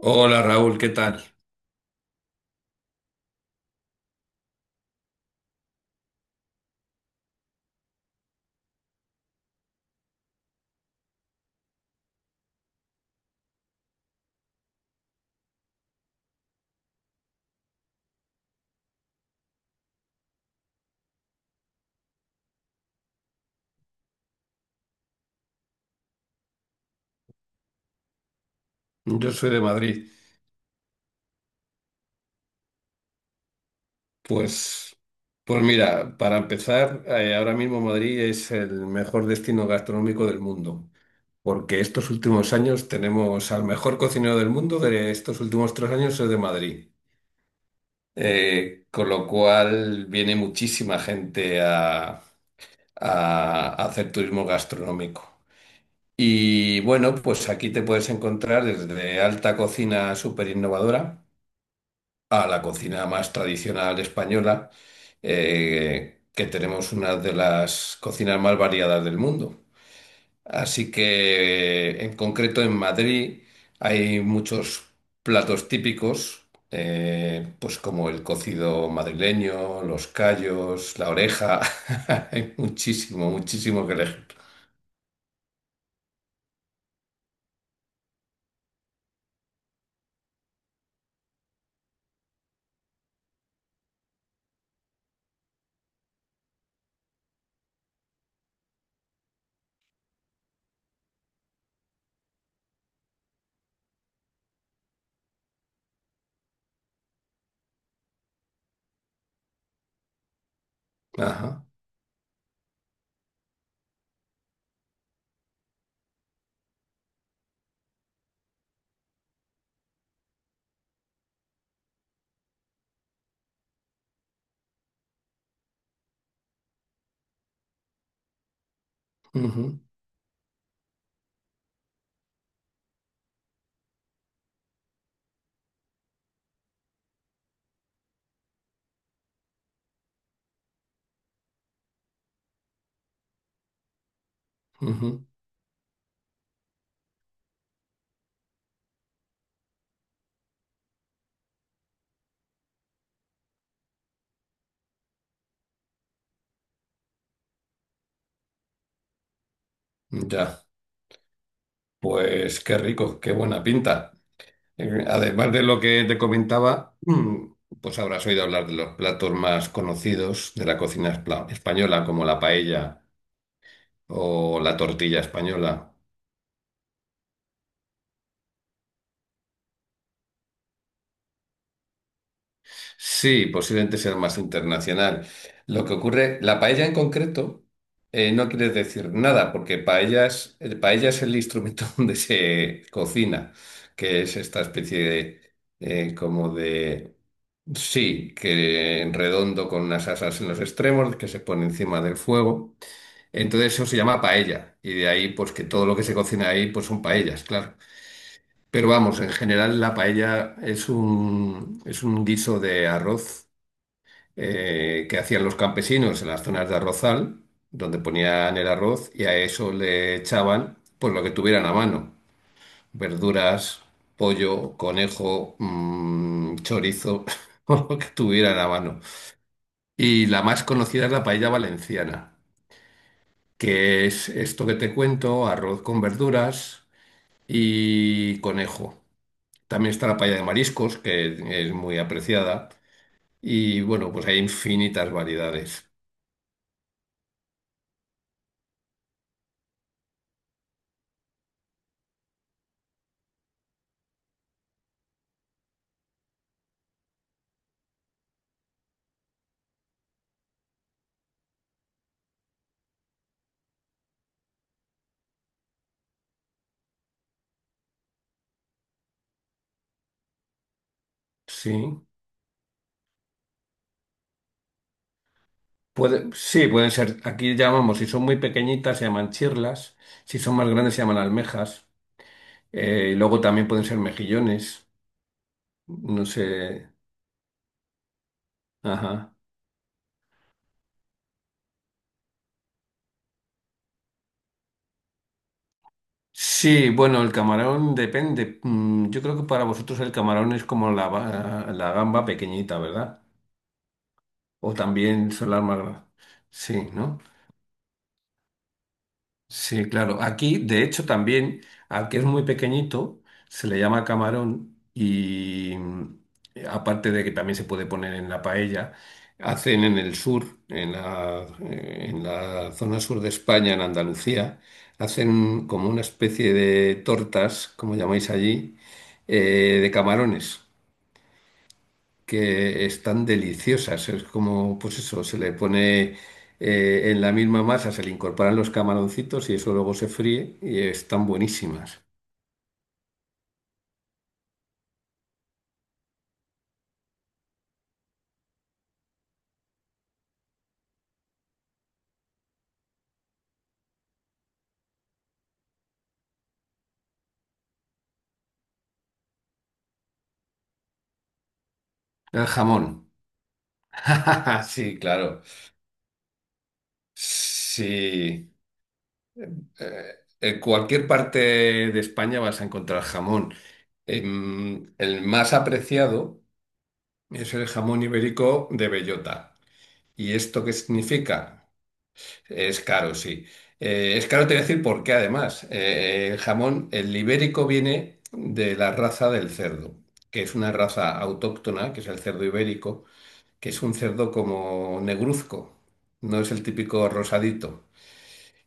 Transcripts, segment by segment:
Hola Raúl, ¿qué tal? Yo soy de Madrid. Pues, pues mira, para empezar, ahora mismo Madrid es el mejor destino gastronómico del mundo, porque estos últimos años tenemos al mejor cocinero del mundo de estos últimos 3 años es de Madrid. Con lo cual viene muchísima gente a hacer turismo gastronómico. Y bueno, pues aquí te puedes encontrar desde alta cocina súper innovadora a la cocina más tradicional española, que tenemos una de las cocinas más variadas del mundo. Así que, en concreto, en Madrid hay muchos platos típicos, pues como el cocido madrileño, los callos, la oreja. Hay muchísimo, muchísimo que elegir. Ajá. Ujú, ujú. Ya. Pues qué rico, qué buena pinta. Además de lo que te comentaba, pues habrás oído hablar de los platos más conocidos de la cocina española, como la paella o la tortilla española. Sí, posiblemente sea más internacional. Lo que ocurre, la paella en concreto no quiere decir nada, porque paella es el instrumento donde se cocina, que es esta especie de, como de. Sí, que redondo con unas asas en los extremos que se pone encima del fuego. Entonces eso se llama paella y de ahí pues que todo lo que se cocina ahí pues son paellas, claro. Pero vamos, en general la paella es un guiso de arroz que hacían los campesinos en las zonas de arrozal, donde ponían el arroz y a eso le echaban pues lo que tuvieran a mano, verduras, pollo, conejo, chorizo, o lo que tuvieran a mano. Y la más conocida es la paella valenciana, que es esto que te cuento, arroz con verduras y conejo. También está la paella de mariscos, que es muy apreciada. Y bueno, pues hay infinitas variedades. Sí, puede, sí, pueden ser, aquí llamamos, si son muy pequeñitas se llaman chirlas, si son más grandes se llaman almejas. Y luego también pueden ser mejillones, no sé. Ajá. Sí, bueno, el camarón depende. Yo creo que para vosotros el camarón es como la gamba pequeñita, ¿verdad? O también son las más Sí, ¿no? Sí, claro. Aquí, de hecho, también, al que es muy pequeñito, se le llama camarón y aparte de que también se puede poner en la paella, hacen en el sur, en en la zona sur de España, en Andalucía, hacen como una especie de tortas, como llamáis allí, de camarones que están deliciosas. Es como, pues eso, se le pone en la misma masa, se le incorporan los camaroncitos y eso luego se fríe y están buenísimas. El jamón. Sí, claro. Sí. Eh, en cualquier parte de España vas a encontrar jamón. El más apreciado es el jamón ibérico de bellota. ¿Y esto qué significa? Es caro, sí. Es caro, te voy a decir por qué además. El jamón, el ibérico viene de la raza del cerdo, que es una raza autóctona, que es el cerdo ibérico, que es un cerdo como negruzco, no es el típico rosadito.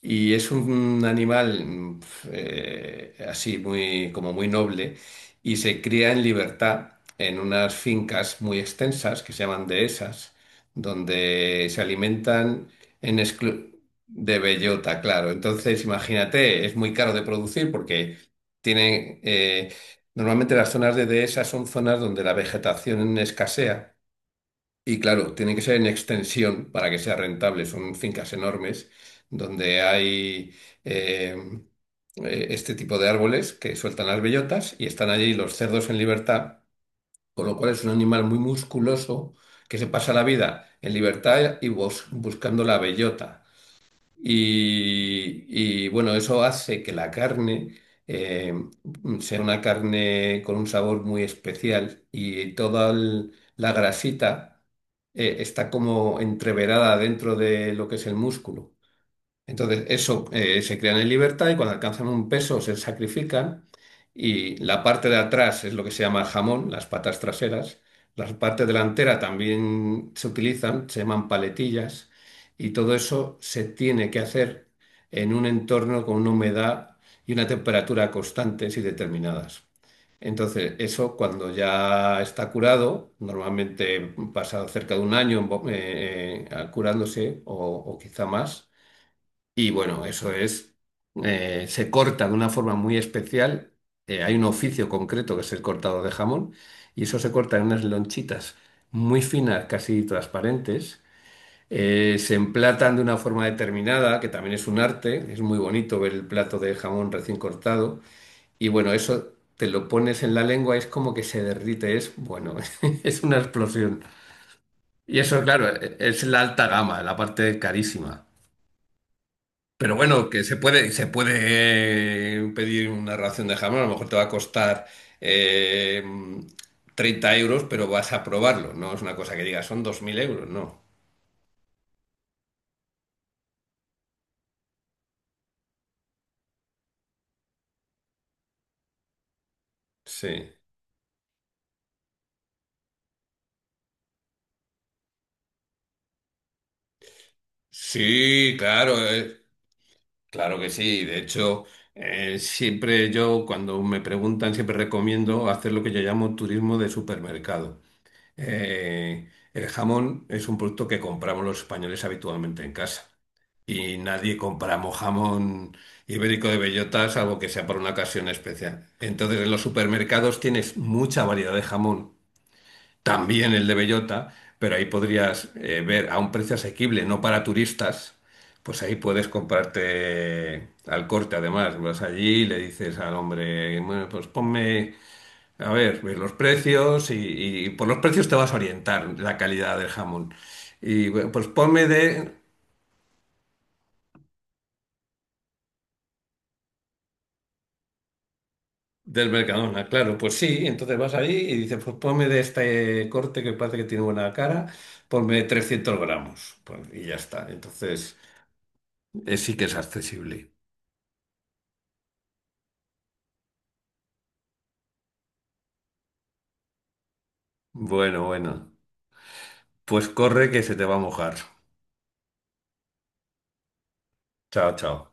Y es un animal así muy, como muy noble y se cría en libertad en unas fincas muy extensas que se llaman dehesas, donde se alimentan en exclu- de bellota, claro. Entonces, imagínate, es muy caro de producir porque tienen normalmente las zonas de dehesas son zonas donde la vegetación escasea. Y claro, tiene que ser en extensión para que sea rentable. Son fincas enormes donde hay eh, este tipo de árboles que sueltan las bellotas y están allí los cerdos en libertad, con lo cual es un animal muy musculoso que se pasa la vida en libertad y buscando la bellota. Y, bueno, eso hace que la carne eh, sea una carne con un sabor muy especial y toda la grasita está como entreverada dentro de lo que es el músculo. Entonces, eso se crean en libertad y cuando alcanzan un peso se sacrifican y la parte de atrás es lo que se llama el jamón, las patas traseras. La parte delantera también se utilizan, se llaman paletillas y todo eso se tiene que hacer en un entorno con una humedad y una temperatura constantes y determinadas. Entonces, eso cuando ya está curado, normalmente pasa cerca de un año en curándose o quizá más. Y bueno, eso es, se corta de una forma muy especial. Hay un oficio concreto que es el cortado de jamón y eso se corta en unas lonchitas muy finas, casi transparentes. Se emplatan de una forma determinada, que también es un arte. Es muy bonito ver el plato de jamón recién cortado. Y bueno, eso te lo pones en la lengua, es como que se derrite, es bueno, es una explosión. Y eso, claro, es la alta gama, la parte carísima. Pero bueno, que se puede pedir una ración de jamón, a lo mejor te va a costar eh, 30 euros, pero vas a probarlo, no es una cosa que digas, son 2000 euros, no. Sí. Sí, claro, claro que sí. De hecho, siempre yo, cuando me preguntan, siempre recomiendo hacer lo que yo llamo turismo de supermercado. El jamón es un producto que compramos los españoles habitualmente en casa. Y nadie compramos jamón ibérico de bellota, salvo que sea por una ocasión especial. Entonces, en los supermercados tienes mucha variedad de jamón, también el de bellota, pero ahí podrías ver a un precio asequible, no para turistas. Pues ahí puedes comprarte al corte, además. Vas allí y le dices al hombre, bueno, pues ponme. A ver, ver los precios y por los precios te vas a orientar la calidad del jamón. Y bueno, pues ponme de, del Mercadona, claro, pues sí, entonces vas ahí y dices, pues ponme de este corte que parece que tiene buena cara, ponme 300 gramos, pues, y ya está. Entonces sí que es accesible. Bueno, bueno, pues corre que se te va a mojar. Chao, chao.